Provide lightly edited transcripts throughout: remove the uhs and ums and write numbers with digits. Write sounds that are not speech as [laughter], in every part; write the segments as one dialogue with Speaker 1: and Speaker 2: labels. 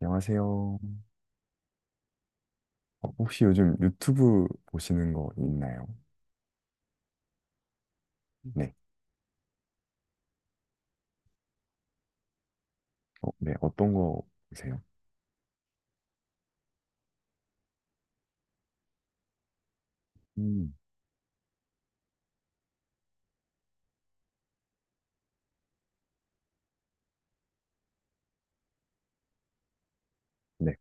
Speaker 1: 안녕하세요. 혹시 요즘 유튜브 보시는 거 있나요? 네. 어, 네. 어떤 거 보세요? 음. 네.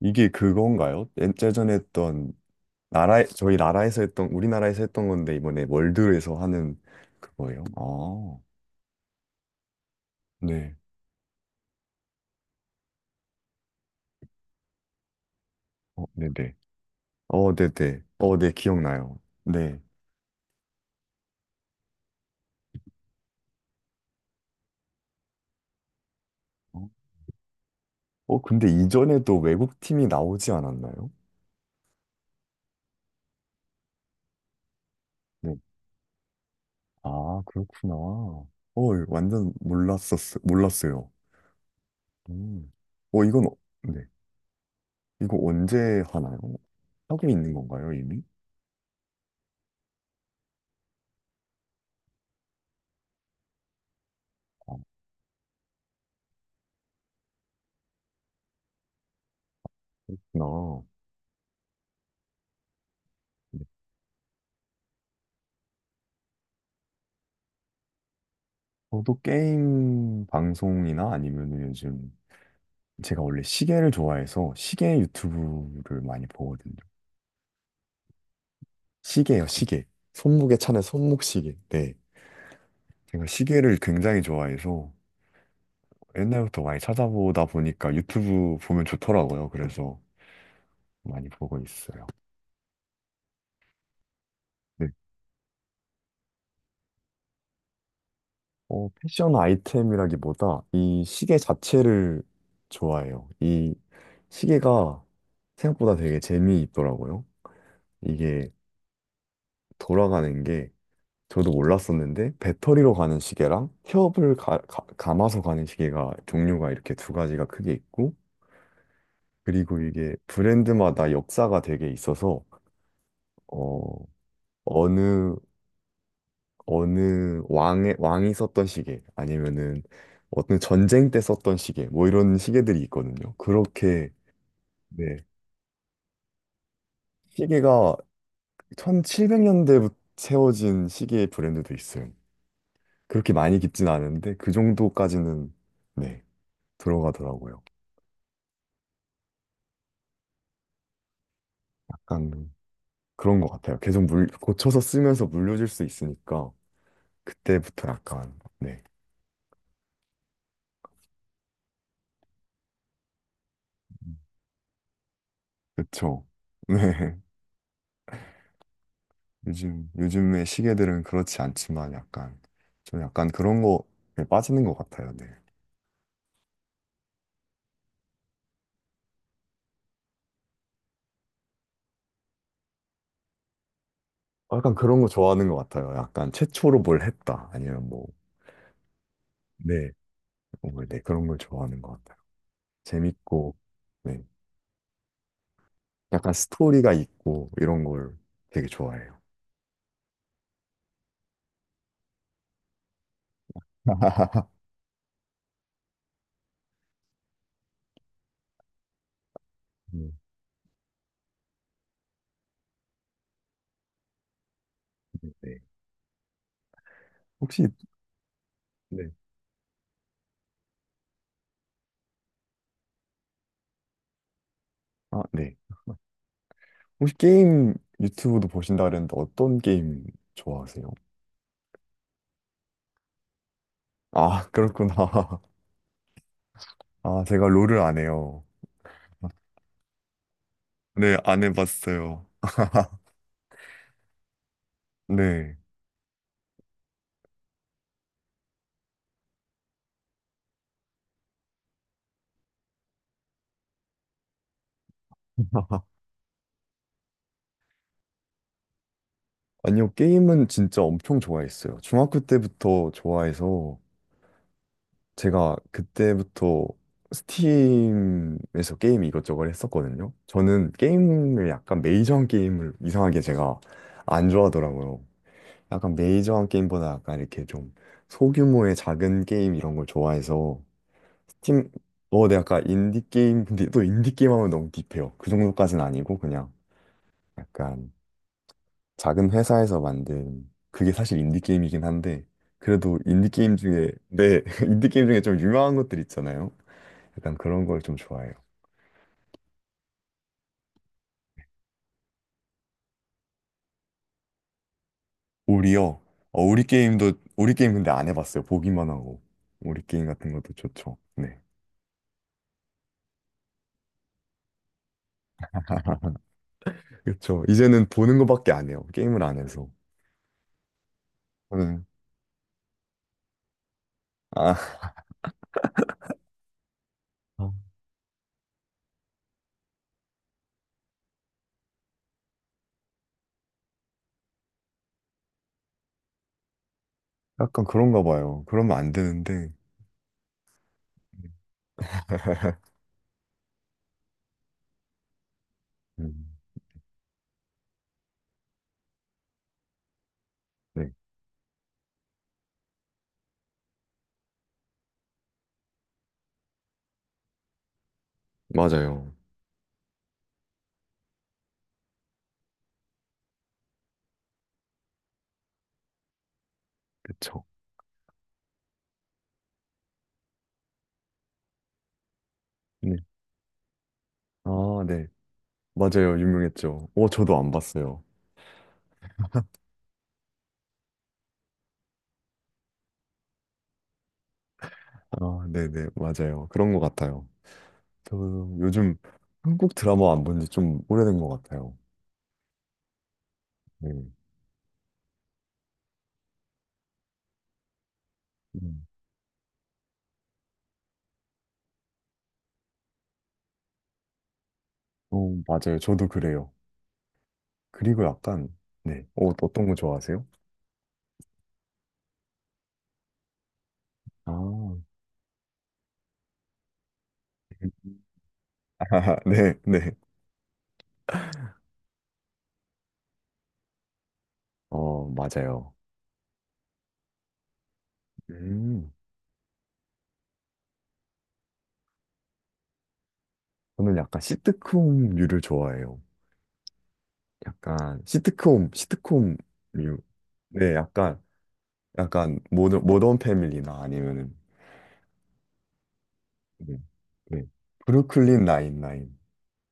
Speaker 1: 이게 그건가요? 예전에 했던 나라 저희 나라에서 했던 우리나라에서 했던 건데 이번에 월드에서 하는 그거예요. 아. 네. 어, 네네. 어, 네네. 어, 네, 기억나요. 네. 어, 근데 이전에도 외국 팀이 나오지 않았나요? 네. 아, 그렇구나. 완전 몰랐어요. 음. 어, 이건, 어- 네. 이거 언제 하나요? 하고 있는 건가요, 이미? 아. 나, 네. 저도 게임 방송이나 아니면 요즘, 제가 원래 시계를 좋아해서 시계 유튜브를 많이 보거든요. 시계요, 시계. 손목에 차는 손목시계. 네. 제가 시계를 굉장히 좋아해서 옛날부터 많이 찾아보다 보니까 유튜브 보면 좋더라고요. 그래서 많이 보고 있어요. 네. 패션 아이템이라기보다 이 시계 자체를 좋아해요. 이 시계가 생각보다 되게 재미있더라고요. 이게 돌아가는 게 저도 몰랐었는데 배터리로 가는 시계랑 협을 감아서 가는 시계가 종류가 이렇게 두 가지가 크게 있고 그리고 이게 브랜드마다 역사가 되게 있어서 어, 어느 어느 왕의 왕이 썼던 시계 아니면은 어떤 전쟁 때 썼던 시계 뭐 이런 시계들이 있거든요. 그렇게 네. 시계가 1700년대 부터 세워진 시계 브랜드도 있어요. 그렇게 많이 깊진 않은데 그 정도까지는 네, 들어가더라고요. 약간 그런 것 같아요. 계속 물 고쳐서 쓰면서 물려줄 수 있으니까 그때부터 약간 네. 그쵸. [laughs] 네. 요즘의 시계들은 그렇지 않지만 약간, 좀 약간 그런 거에 빠지는 것 같아요. 네. 약간 그런 거 좋아하는 것 같아요. 약간 최초로 뭘 했다. 아니면 뭐, 네. 뭔 네. 그런 걸 좋아하는 것 같아요. 재밌고, 네. 약간 스토리가 있고, 이런 걸 되게 좋아해요. [laughs] 음, 네. 혹시, 네. 아, 네. 혹시 게임 유튜브도 보신다 그랬는데 어떤 게임 좋아하세요? 아, 그렇구나. [laughs] 아, 제가 롤을 안 해요. 네, 안 해봤어요. 네. 아니요, 게임은 진짜 엄청 좋아했어요. 중학교 때부터 좋아해서 제가 그때부터 스팀에서 게임 이것저것 했었거든요. 저는 게임을 약간 메이저한 게임을 이상하게 제가 안 좋아하더라고요. 약간 메이저한 게임보다 약간 이렇게 좀 소규모의 작은 게임 이런 걸 좋아해서 스팀, 네, 약간 인디 게임, 근데 또 [laughs] 인디 게임 하면 너무 딥해요. 그 정도까지는 아니고 그냥 약간 작은 회사에서 만든 그게 사실 인디게임이긴 한데 그래도 인디게임 중에 네 [laughs] 인디게임 중에 좀 유명한 것들 있잖아요. 약간 그런 걸 좀 좋아해요. 우리요. 우리 게임, 근데 안 해봤어요. 보기만 하고 우리 게임 같은 것도 좋죠. 네. [laughs] 그렇죠. 이제는 보는 것밖에 안 해요. 게임을 안 해서 저는. 아 어, 약간 그런가 봐요. 그러면 안 되는데. [laughs] 음, 네, 맞아요. 그쵸. 네. 아, 네. 맞아요. 유명했죠. 저도 안 봤어요. 아, 네네. 맞아요. 그런 것 같아요. 저 요즘 한국 드라마 안 본지 좀 오래된 것 같아요. 네. 음. 어, 맞아요. 저도 그래요. 그리고 약간, 네. 어떤 거 좋아하세요? 아. [laughs] 아하, 네, 네. 어, 맞아요. 음. 저는 약간 시트콤류를 좋아해요. 약간, 시트콤류. 네, 약간, 모던 패밀리나 아니면 네. 네. 브루클린 나인나인.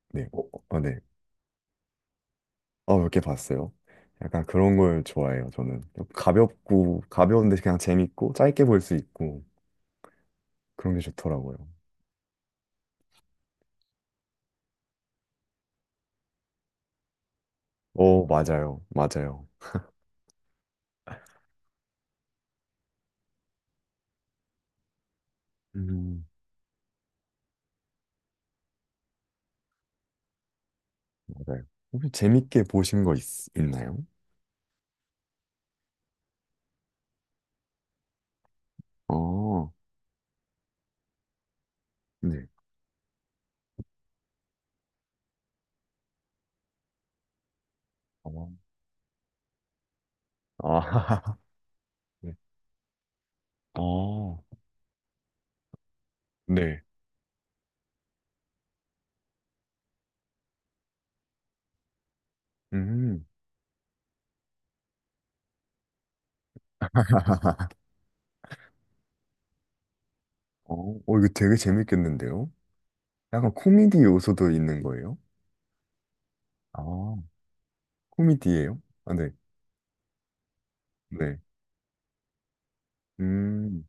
Speaker 1: 네. 네. 어, 몇 개 봤어요. 약간 그런 걸 좋아해요, 저는. 가볍고, 가벼운데 그냥 재밌고, 짧게 볼 수 있고, 그런 게 좋더라고요. 어, 맞아요. 맞아요. 음, 맞아요. 혹시 재밌게 보신 거 있나요? 어, 네. 어, 아, [laughs] 네. 어, 네. 음. [laughs] 어, 이거 되게 재밌겠는데요? 약간 코미디 요소도 있는 거예요? 아. 코미디예요? 아, 네. 네. 음.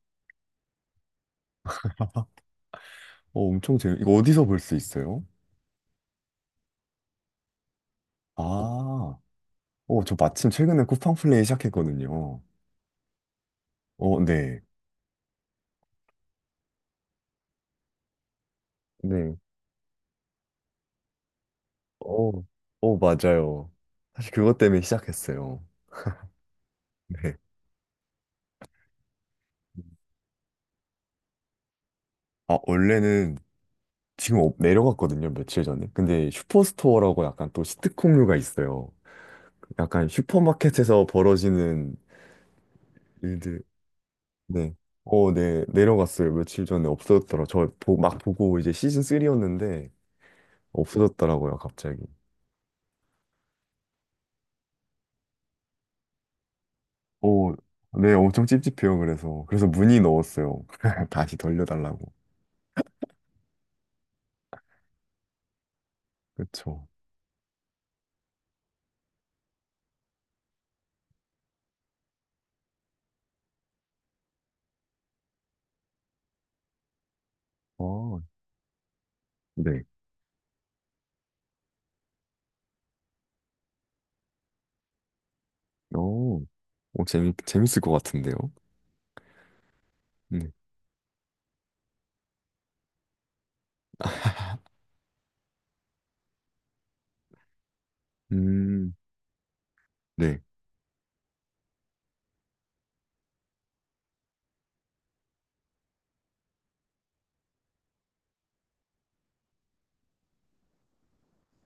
Speaker 1: 어, 엄청 재밌. 이거 어디서 볼 수 있어요? 아. 저 마침 최근에 쿠팡 플레이 시작했거든요. 어, 네. 네. 어, 맞아요. 사실 그것 때문에 시작했어요. 네. 아, 원래는 지금 내려갔거든요, 며칠 전에. 근데 슈퍼스토어라고 약간 또 시트콤류가 있어요. 약간 슈퍼마켓에서 벌어지는 일들. 네. 어, 네. 내려갔어요. 며칠 전에 없어졌더라. 막 보고 이제 시즌 3이었는데 없어졌더라고요, 갑자기. 어, 네. 엄청 찝찝해요. 그래서 문의 넣었어요. [laughs] 다시 돌려달라고. 그쵸. 어, 네. 어, 재밌을 것 같은데요. 네. [laughs] 음, 네.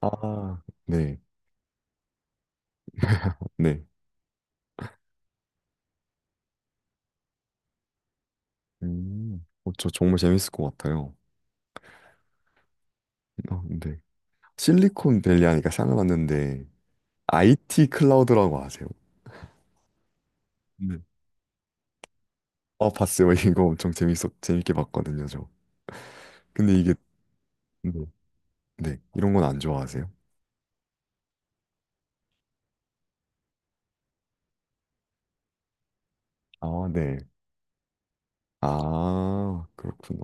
Speaker 1: 아, 네. 네. 저 정말 재밌을 것 같아요. 어, 네. 실리콘밸리 하니까 생각났는데 IT 클라우드라고 아세요? 어, 봤어요. [laughs] 이거 엄청 재밌게 봤거든요, 저. 근데 이게, 네, 네, 이런 건 안 좋아하세요? 아, 네. 아, 그렇구나.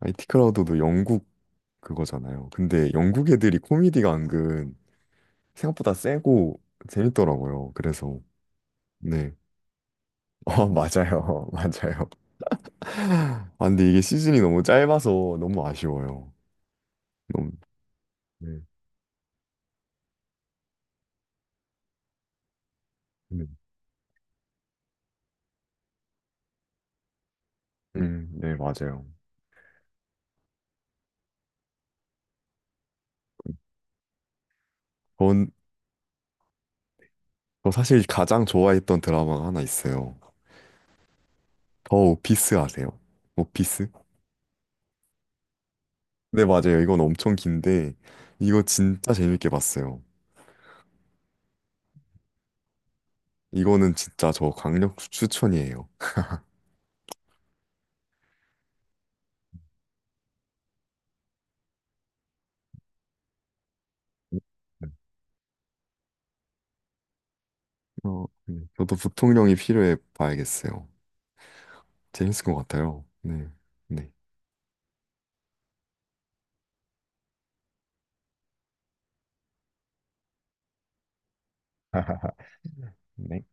Speaker 1: IT 크라우드도 영국 그거잖아요. 근데 영국 애들이 코미디가 은근 생각보다 세고 재밌더라고요. 그래서, 네. 어, [laughs] 맞아요. [laughs] 맞아요. [laughs] 아, 근데 이게 시즌이 너무 짧아서 너무 아쉬워요. 너무, 네. 네. 네, 맞아요. 전, 저 사실 가장 좋아했던 드라마가 하나 있어요. 오피스 아세요? 오피스? 네, 맞아요. 이건 엄청 긴데, 이거 진짜 재밌게 봤어요. 이거는 진짜 저 강력 추천이에요. 네. 어, 네. 저도 부통령이 필요해 봐야겠어요. 재밌을 것 같아요. 네. 네. [laughs] 네,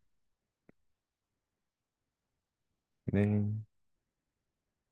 Speaker 1: 네.